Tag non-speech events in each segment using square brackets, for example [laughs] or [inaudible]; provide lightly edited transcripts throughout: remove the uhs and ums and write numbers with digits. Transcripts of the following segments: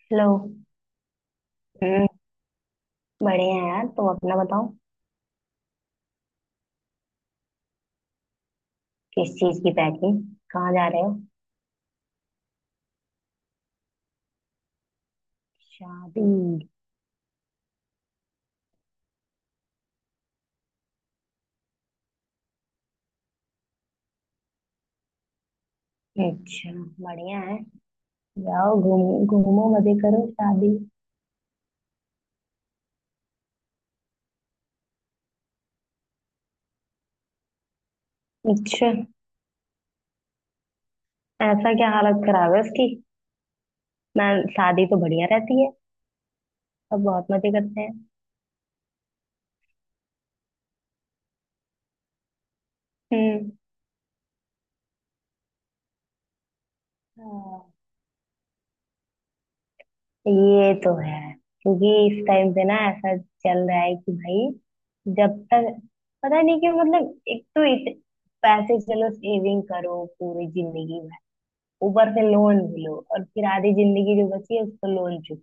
Hello. हम्म। बढ़िया है यार, तुम अपना बताओ। किस चीज की पैकिंग? कहाँ जा रहे हो? शादी? अच्छा, बढ़िया है। जाओ घूम घूमो, मजे करो शादी। अच्छा, ऐसा क्या हालत खराब है उसकी? मैं, शादी तो बढ़िया रहती है। सब बहुत मजे करते हैं। हम्म। हाँ, ये तो है। क्योंकि इस टाइम पे ना ऐसा चल रहा है कि भाई जब तक, पता नहीं क्यों, मतलब एक तो इत, पैसे चलो सेविंग करो पूरी जिंदगी, ऊपर से लोन भी लो और फिर आधी जिंदगी जो बची है उसको लोन चुक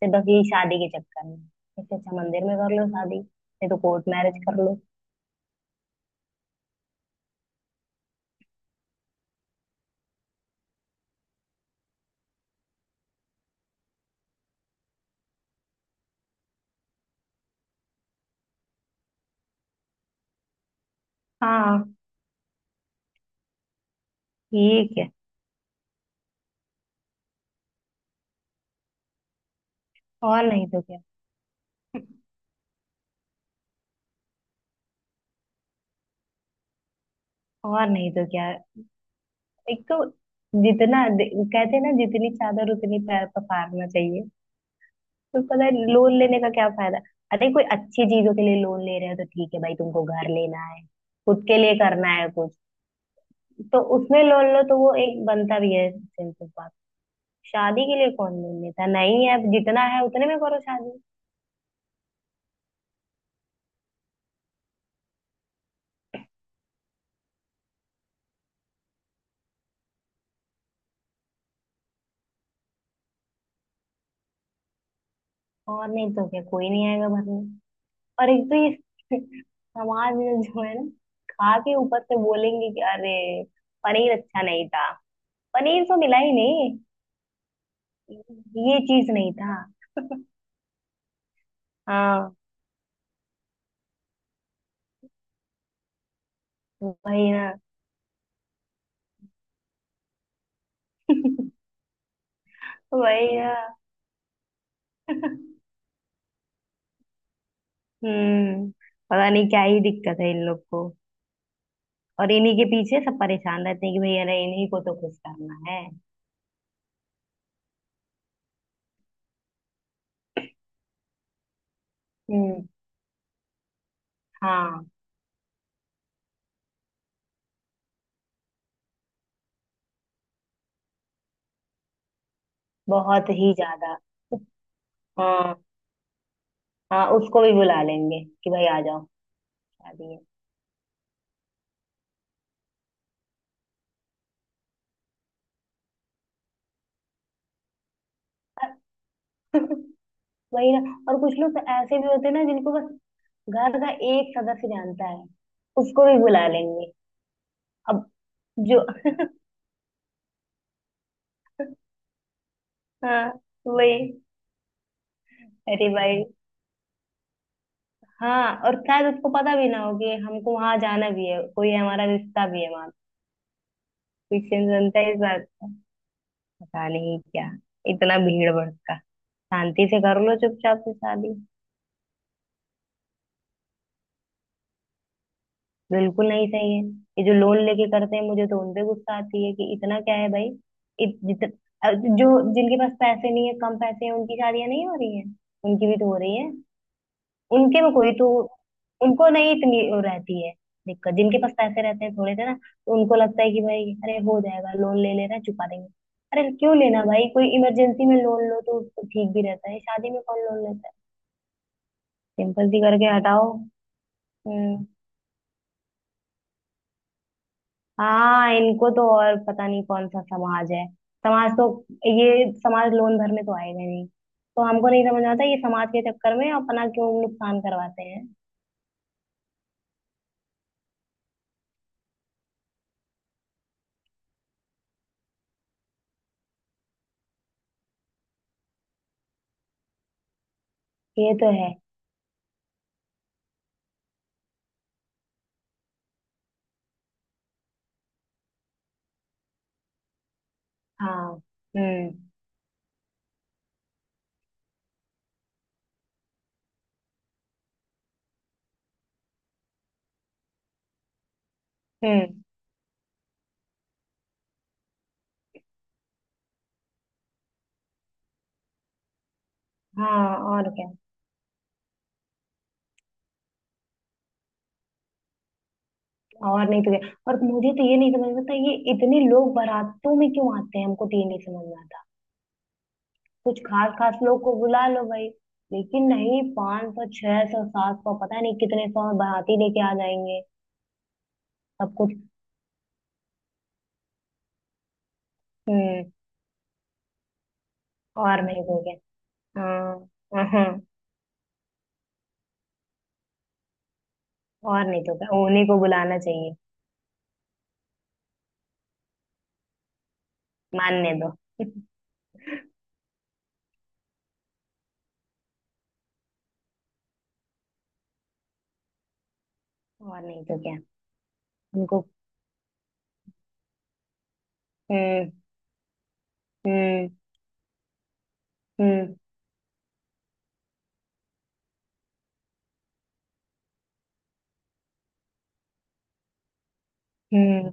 से बस यही शादी के चक्कर में। इससे अच्छा मंदिर में कर लो शादी, नहीं तो कोर्ट मैरिज कर लो। हाँ। ये क्या। और नहीं तो क्या। और नहीं तो क्या। एक तो जितना कहते हैं ना जितनी चादर उतनी पैर पसारना चाहिए। तो पता है लोन लेने का क्या फायदा। अरे कोई अच्छी चीजों के लिए लोन ले रहे हो तो ठीक है भाई, तुमको घर लेना है, खुद के लिए करना है कुछ, तो उसमें लोन लो तो वो एक बनता भी है सेंस ऑफ। शादी के लिए कौन लोन लेता है? नहीं है जितना है उतने में करो शादी। और नहीं तो क्या, कोई नहीं आएगा भरने। और एक तो ये [laughs] समाज में जो है ना, खा के ऊपर से बोलेंगे कि अरे पनीर अच्छा नहीं था। पनीर तो मिला ही नहीं। ये चीज नहीं था। हाँ। वही ना। वही ना। [laughs] हम्म। पता नहीं क्या ही दिक्कत है इन लोग को। और इन्हीं के पीछे सब परेशान रहते हैं कि भैया अरे इन्हीं को तो खुश करना है। हम्म। हाँ। बहुत ही ज्यादा। हाँ। हाँ उसको भी बुला लेंगे कि भाई आ जाओ, शादी है। [laughs] वही ना। और कुछ लोग तो ऐसे भी होते हैं ना जिनको बस घर का एक सदस्य जानता है, उसको भी बुला लेंगे। अब जो, हाँ वही। अरे भाई, हाँ और शायद उसको पता भी ना हो कि हमको वहां जाना भी है, कोई हमारा रिश्ता भी है वहां। क्रिश्चियन बनता है इस बात का, पता नहीं क्या। इतना भीड़ भड़का, शांति से कर लो चुपचाप से शादी। बिल्कुल नहीं सही है ये जो लोन लेके करते हैं, मुझे तो उनपे गुस्सा आती है कि इतना क्या है भाई। इत, जित, जो जिनके पास पैसे नहीं है कम पैसे हैं उनकी शादियां नहीं हो रही हैं? उनकी भी तो हो रही है। उनके में कोई तो, उनको नहीं इतनी वो रहती है दिक्कत। जिनके पास पैसे रहते हैं थोड़े से ना तो उनको लगता है कि भाई अरे हो जाएगा, लोन ले लेना चुका देंगे। अरे क्यों लेना भाई, कोई इमरजेंसी में लोन लो तो ठीक भी रहता है, शादी में कौन लोन लेता है। सिंपल सी करके हटाओ। हम्म। हाँ इनको तो और पता नहीं कौन सा समाज है। समाज तो, ये समाज लोन भरने तो आएगा ही नहीं, तो हमको नहीं समझ आता ये समाज के चक्कर में अपना क्यों नुकसान करवाते हैं। ये तो है। हाँ। हम्म। हम्म। हाँ और क्या। और नहीं तो क्या, और मुझे तो ये नहीं समझ में आता ये इतने लोग बारातों में क्यों आते हैं, हमको तो ये नहीं समझ में आता। कुछ खास खास लोग को बुला लो भाई, लेकिन नहीं पाँच सौ छह सौ सात सौ पता नहीं कितने सौ बाराती लेके आ जाएंगे। सब कुछ, हम्म। और नहीं तो क्या। हाँ, हाँ, और नहीं तो क्या, उन्हीं को बुलाना चाहिए। मानने दो। [laughs] और नहीं तो क्या। उनको, हम्म। हम्म। हम्म। हम्म।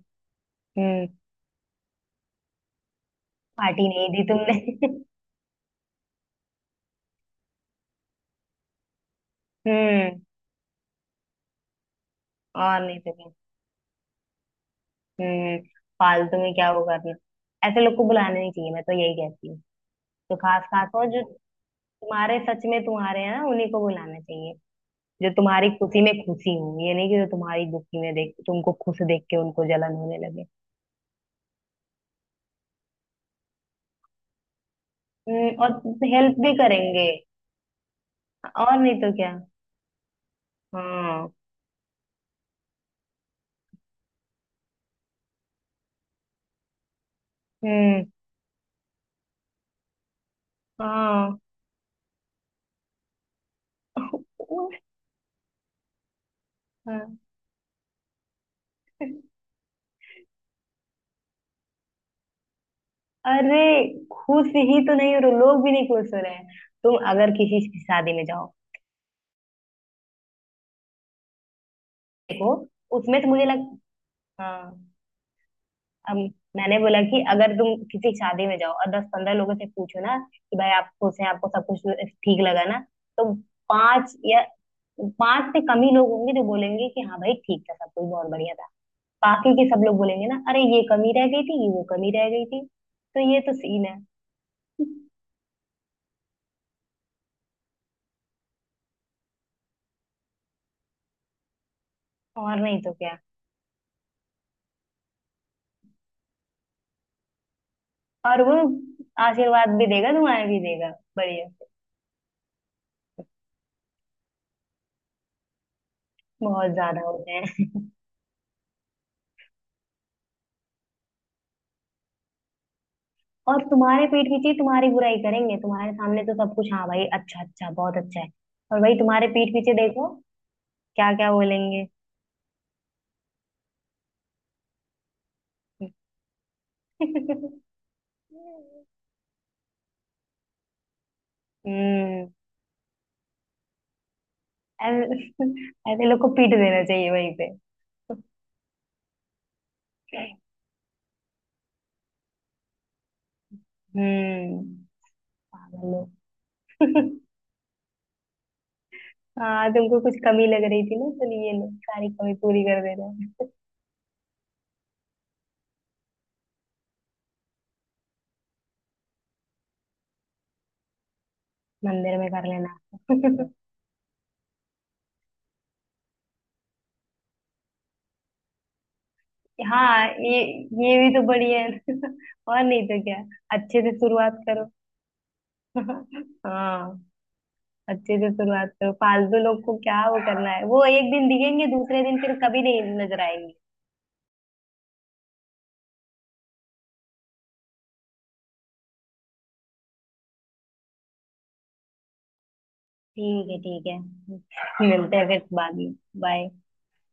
हम्म। पार्टी नहीं दी तुमने। [laughs] हम्म। और नहीं तो क्या। हम्म। फालतू में क्या वो करना। ऐसे लोग को बुलाना नहीं चाहिए, मैं तो यही कहती हूँ। तो खास खास और जो तुम्हारे सच में तुम्हारे हैं ना उन्हीं को बुलाना चाहिए। जो तुम्हारी खुशी में खुशी हो, ये नहीं कि जो तुम्हारी दुखी में देख, तुमको खुश देख के उनको जलन होने लगे। और हेल्प भी करेंगे। और नहीं तो क्या। हाँ। हम्म। हाँ। हाँ। अरे खुश ही तो नहीं हो रहे, लोग भी नहीं खुश हो रहे हैं। तुम अगर किसी की शादी में जाओ, देखो उसमें तो मुझे लग, हाँ। अब मैंने बोला कि अगर तुम किसी की शादी में जाओ और दस पंद्रह लोगों से पूछो ना कि भाई आप खुश हैं, आपको सब कुछ ठीक लगा ना, तो पांच या पांच से कम ही लोग होंगे जो बोलेंगे कि हाँ भाई ठीक था, सब कुछ बहुत बढ़िया था। बाकी के सब लोग बोलेंगे ना अरे ये कमी रह गई थी वो कमी रह गई थी, तो ये तो सीन है। और नहीं तो क्या। और वो आशीर्वाद भी देगा, दुआएं भी देगा। बढ़िया से। बहुत ज्यादा होते हैं। और तुम्हारे पेट पीछे तुम्हारी बुराई करेंगे, तुम्हारे सामने तो सब कुछ हाँ भाई अच्छा अच्छा बहुत अच्छा है। और भाई तुम्हारे पीठ पीछे देखो क्या क्या बोलेंगे। [laughs] हम्म। ऐसे, ऐसे लोग को पीट देना चाहिए वहीं पे। हम्म। पागल लोग। [laughs] हाँ तुमको कुछ कमी लग रही थी ना, तो ये लो सारी कमी पूरी कर दे रहे हैं। मंदिर में कर लेना। [laughs] हाँ ये भी तो बढ़िया है ना। [laughs] और नहीं तो क्या। अच्छे से शुरुआत करो। [laughs] हाँ। अच्छे से शुरुआत करो, फालतू लोग को क्या वो करना है, वो एक दिन दिखेंगे दूसरे दिन फिर कभी नहीं नजर आएंगे। ठीक है ठीक है, मिलते हैं फिर बाद में। बाय।